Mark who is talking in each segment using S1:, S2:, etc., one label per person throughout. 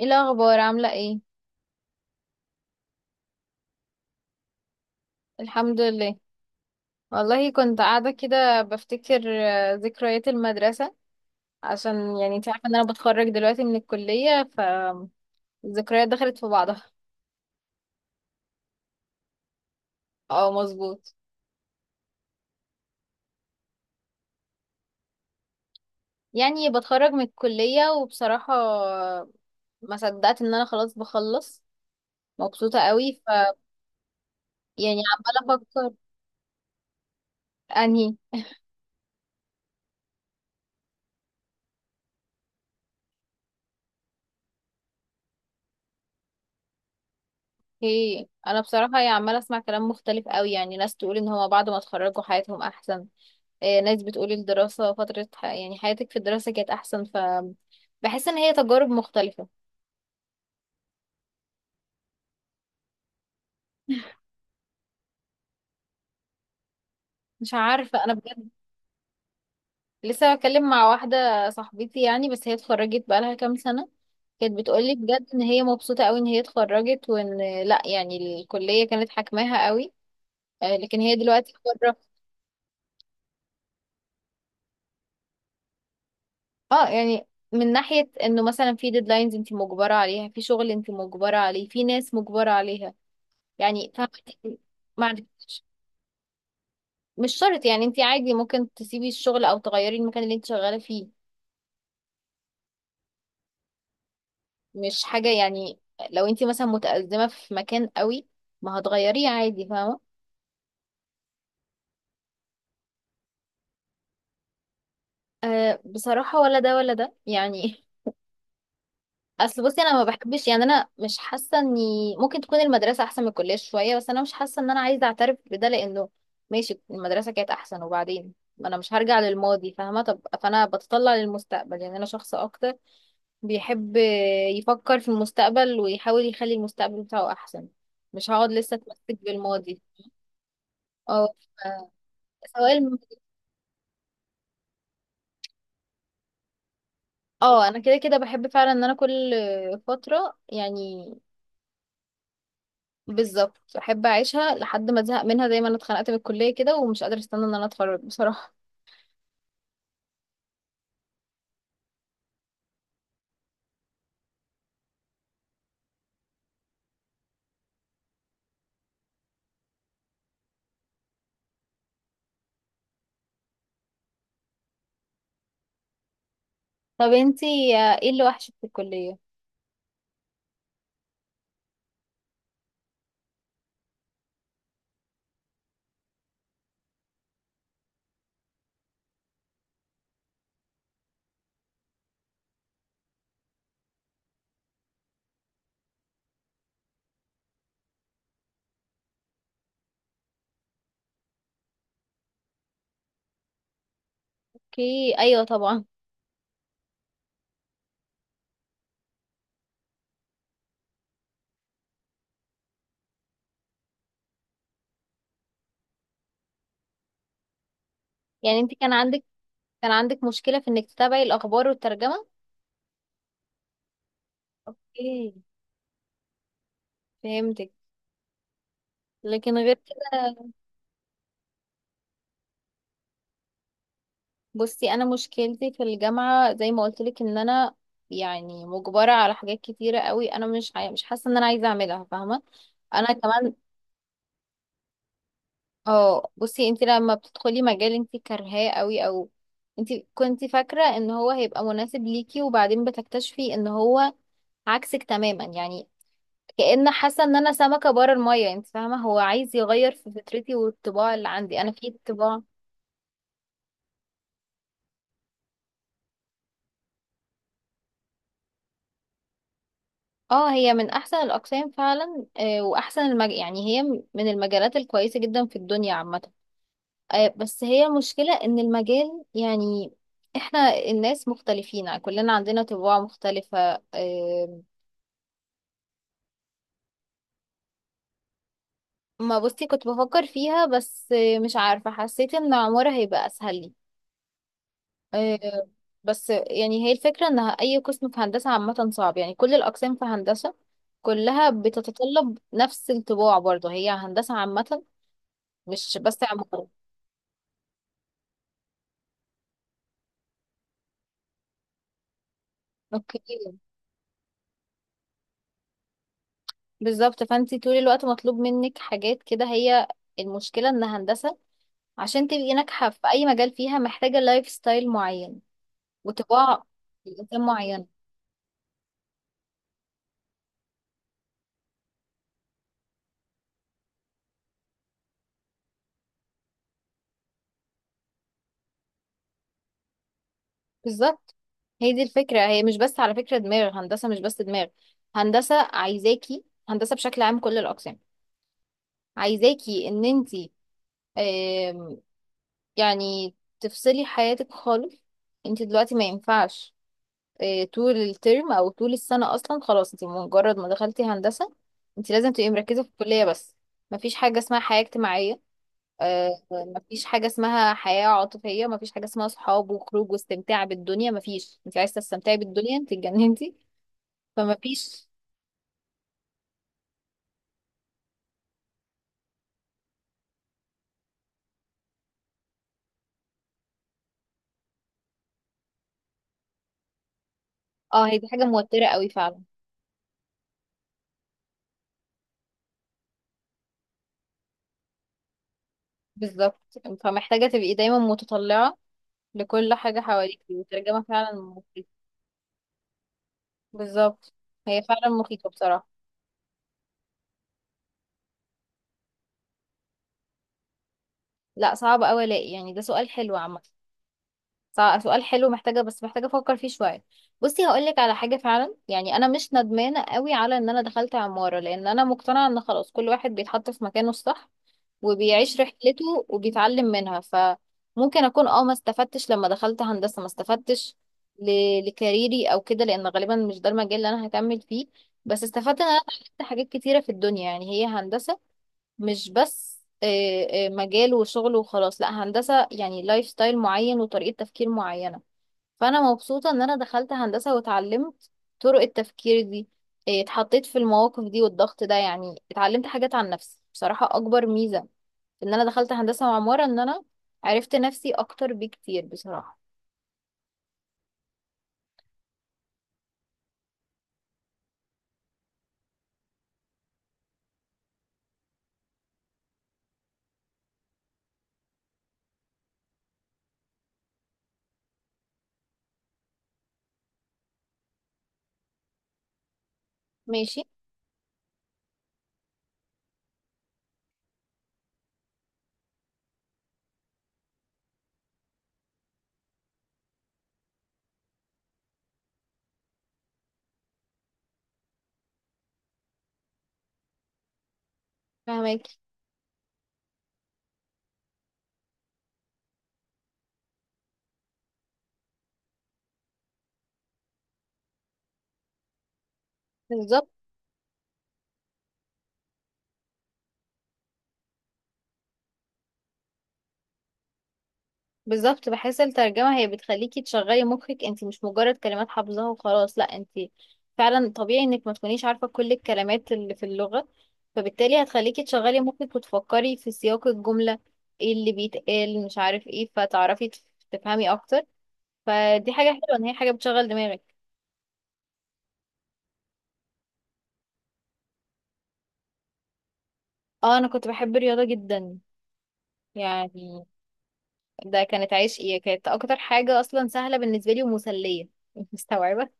S1: ايه الاخبار عامله ايه؟ الحمد لله. والله كنت قاعده كده بفتكر ذكريات المدرسه، عشان يعني انت عارفه ان انا بتخرج دلوقتي من الكليه، فالذكريات دخلت في بعضها. اه مظبوط. يعني بتخرج من الكليه وبصراحه ما صدقت ان انا خلاص بخلص، مبسوطه قوي. يعني عماله افكر. انهي؟ ايه، انا بصراحه يعني عماله اسمع كلام مختلف قوي، يعني ناس تقول ان هما بعد ما اتخرجوا حياتهم احسن، ناس بتقول الدراسة فترة يعني حياتك في الدراسة كانت أحسن، ف بحس إن هي تجارب مختلفة. مش عارفة أنا بجد. لسه بتكلم مع واحدة صاحبتي يعني، بس هي اتخرجت بقالها كام سنة، كانت بتقولي بجد إن هي مبسوطة أوي إن هي اتخرجت، وإن، لأ يعني الكلية كانت حاكماها أوي، لكن هي دلوقتي بره. اه يعني، من ناحية إنه مثلا في ديدلاينز أنت مجبرة عليها، في شغل أنت مجبرة عليه، في ناس مجبرة عليها، يعني فاهمة. ما عندكش. مش شرط يعني، انت عادي ممكن تسيبي الشغل او تغيري المكان اللي انت شغاله فيه، مش حاجه يعني. لو انت مثلا متأزمه في مكان قوي، ما هتغيريه عادي، فاهمه. أه بصراحه، ولا ده ولا ده يعني. اصل بصي، انا ما بحبش، يعني انا مش حاسه اني ممكن تكون المدرسه احسن من الكليه شويه، بس انا مش حاسه ان انا عايزه اعترف بده، لانه ماشي المدرسه كانت احسن، وبعدين ما انا مش هرجع للماضي، فاهمه؟ طب فانا بتطلع للمستقبل، يعني انا شخص اكتر بيحب يفكر في المستقبل ويحاول يخلي المستقبل بتاعه احسن، مش هقعد لسه اتمسك بالماضي. اه. ف- سواء الم... اه، انا كده كده بحب فعلا ان انا كل فترة يعني، بالظبط احب اعيشها لحد ما ازهق منها، زي ما انا اتخنقت من الكلية كده، ومش قادرة استنى ان انا اتخرج بصراحة. طب انتي، ايه اللي وحشك في الكلية؟ اوكي، ايوه طبعا. يعني انتي كان عندك، كان عندك مشكلة في انك تتابعي الاخبار والترجمة؟ اوكي، فهمتك. لكن غير كده، بصي انا مشكلتي في الجامعه زي ما قلت لك، ان انا يعني مجبره على حاجات كتيره قوي، انا مش حاسه ان انا عايزه اعملها، فاهمه. انا كمان. اه بصي، انت لما بتدخلي مجال انت كارهاه قوي، او انت كنت فاكره ان هو هيبقى مناسب ليكي، وبعدين بتكتشفي ان هو عكسك تماما يعني، كأن حاسه ان انا سمكه بره الميه، انت فاهمه؟ هو عايز يغير في فطرتي والطباع اللي عندي، انا في طباع. اه، هي من احسن الاقسام فعلا، يعني هي من المجالات الكويسه جدا في الدنيا عامه، بس هي المشكله ان المجال يعني، احنا الناس مختلفين كلنا، عندنا طباع مختلفه، ما بصي كنت بفكر فيها، بس مش عارفه، حسيت ان عمارة هيبقى اسهل لي، آه، بس يعني هي الفكره ان اي قسم في هندسه عامه صعب، يعني كل الاقسام في هندسه كلها بتتطلب نفس الطباع، برضه هي هندسه عامه، مش بس عمارة. اوكي. بالظبط، فانت طول الوقت مطلوب منك حاجات كده، هي المشكله ان هندسه عشان تبقي ناجحه في اي مجال فيها محتاجه لايف ستايل معين وطباع الانسان معين. بالظبط، هي دي الفكره، هي مش بس على فكره دماغ هندسه، مش بس دماغ هندسه عايزاكي، هندسه بشكل عام كل الاقسام عايزاكي ان انت يعني تفصلي حياتك خالص، انت دلوقتي ما ينفعش طول الترم او طول السنه اصلا، خلاص انت مجرد ما دخلتي هندسه، انت لازم تبقي مركزه في الكليه بس، مفيش حاجه اسمها حياه اجتماعيه، مفيش حاجه اسمها حياه عاطفيه، مفيش حاجه اسمها صحاب وخروج واستمتاع بالدنيا، مفيش. انت عايزه تستمتعي بالدنيا؟ انت اتجننتي. فمفيش. اه هي دي حاجه موتره قوي فعلا. بالظبط، فمحتاجه تبقي دايما متطلعه لكل حاجه حواليك، والترجمه فعلا مخيفه. بالظبط، هي فعلا مخيفه بصراحه. لا صعب قوي الاقي، يعني ده سؤال حلو عامه. سؤال حلو، محتاجة، بس محتاجة افكر فيه شوية. بصي هقولك على حاجة فعلا، يعني انا مش ندمانة قوي على ان انا دخلت عمارة، لان انا مقتنعة ان خلاص كل واحد بيتحط في مكانه الصح وبيعيش رحلته وبيتعلم منها، فممكن اكون اه ما استفدتش لما دخلت هندسة، ما استفدتش لكاريري او كده، لان غالبا مش ده المجال اللي انا هكمل فيه، بس استفدت ان انا اتعلمت حاجات كتيرة في الدنيا، يعني هي هندسة مش بس مجال وشغل وخلاص، لا هندسة يعني لايف ستايل معين وطريقة تفكير معينة، فانا مبسوطه ان انا دخلت هندسه واتعلمت طرق التفكير دي، إيه، اتحطيت في المواقف دي والضغط ده، يعني اتعلمت حاجات عن نفسي بصراحه، اكبر ميزه في ان انا دخلت هندسه وعماره ان انا عرفت نفسي اكتر بكتير بصراحه. ماشي. فهمك. بالظبط. بالظبط، بحس الترجمة هي بتخليكي تشغلي مخك، انت مش مجرد كلمات حافظاها وخلاص، لا انت فعلا طبيعي انك ما تكونيش عارفة كل الكلمات اللي في اللغة، فبالتالي هتخليكي تشغلي مخك وتفكري في سياق الجملة، ايه اللي بيتقال مش عارف ايه، فتعرفي تفهمي اكتر، فدي حاجة حلوة ان هي حاجة بتشغل دماغك. اه انا كنت بحب الرياضة جدا يعني، ده كانت عشقي، كانت اكتر حاجة اصلا سهلة بالنسبة لي ومسلية، مستوعبة.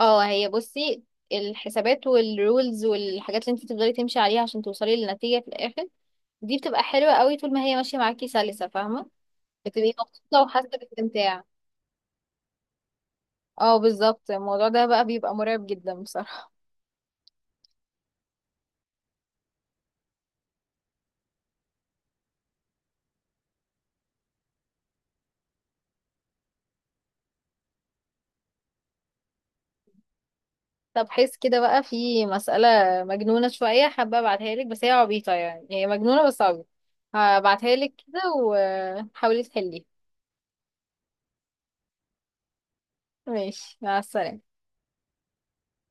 S1: اه هي بصي، الحسابات والرولز والحاجات اللي انت تفضلي تمشي عليها عشان توصلي للنتيجة في الآخر، دي بتبقى حلوة قوي طول ما هي ماشية معاكي سلسة، فاهمة؟ بتبقي مبسوطة وحاسة باستمتاع. اه بالظبط، الموضوع ده بقى بيبقى مرعب جدا بصراحة. طب حس كده بقى، في مسألة مجنونة شوية حابة ابعتها لك، بس هي عبيطة يعني، هي مجنونة بس عبيطة، هبعتها لك كده وحاولي تحليها. ماشي، مع السلامة.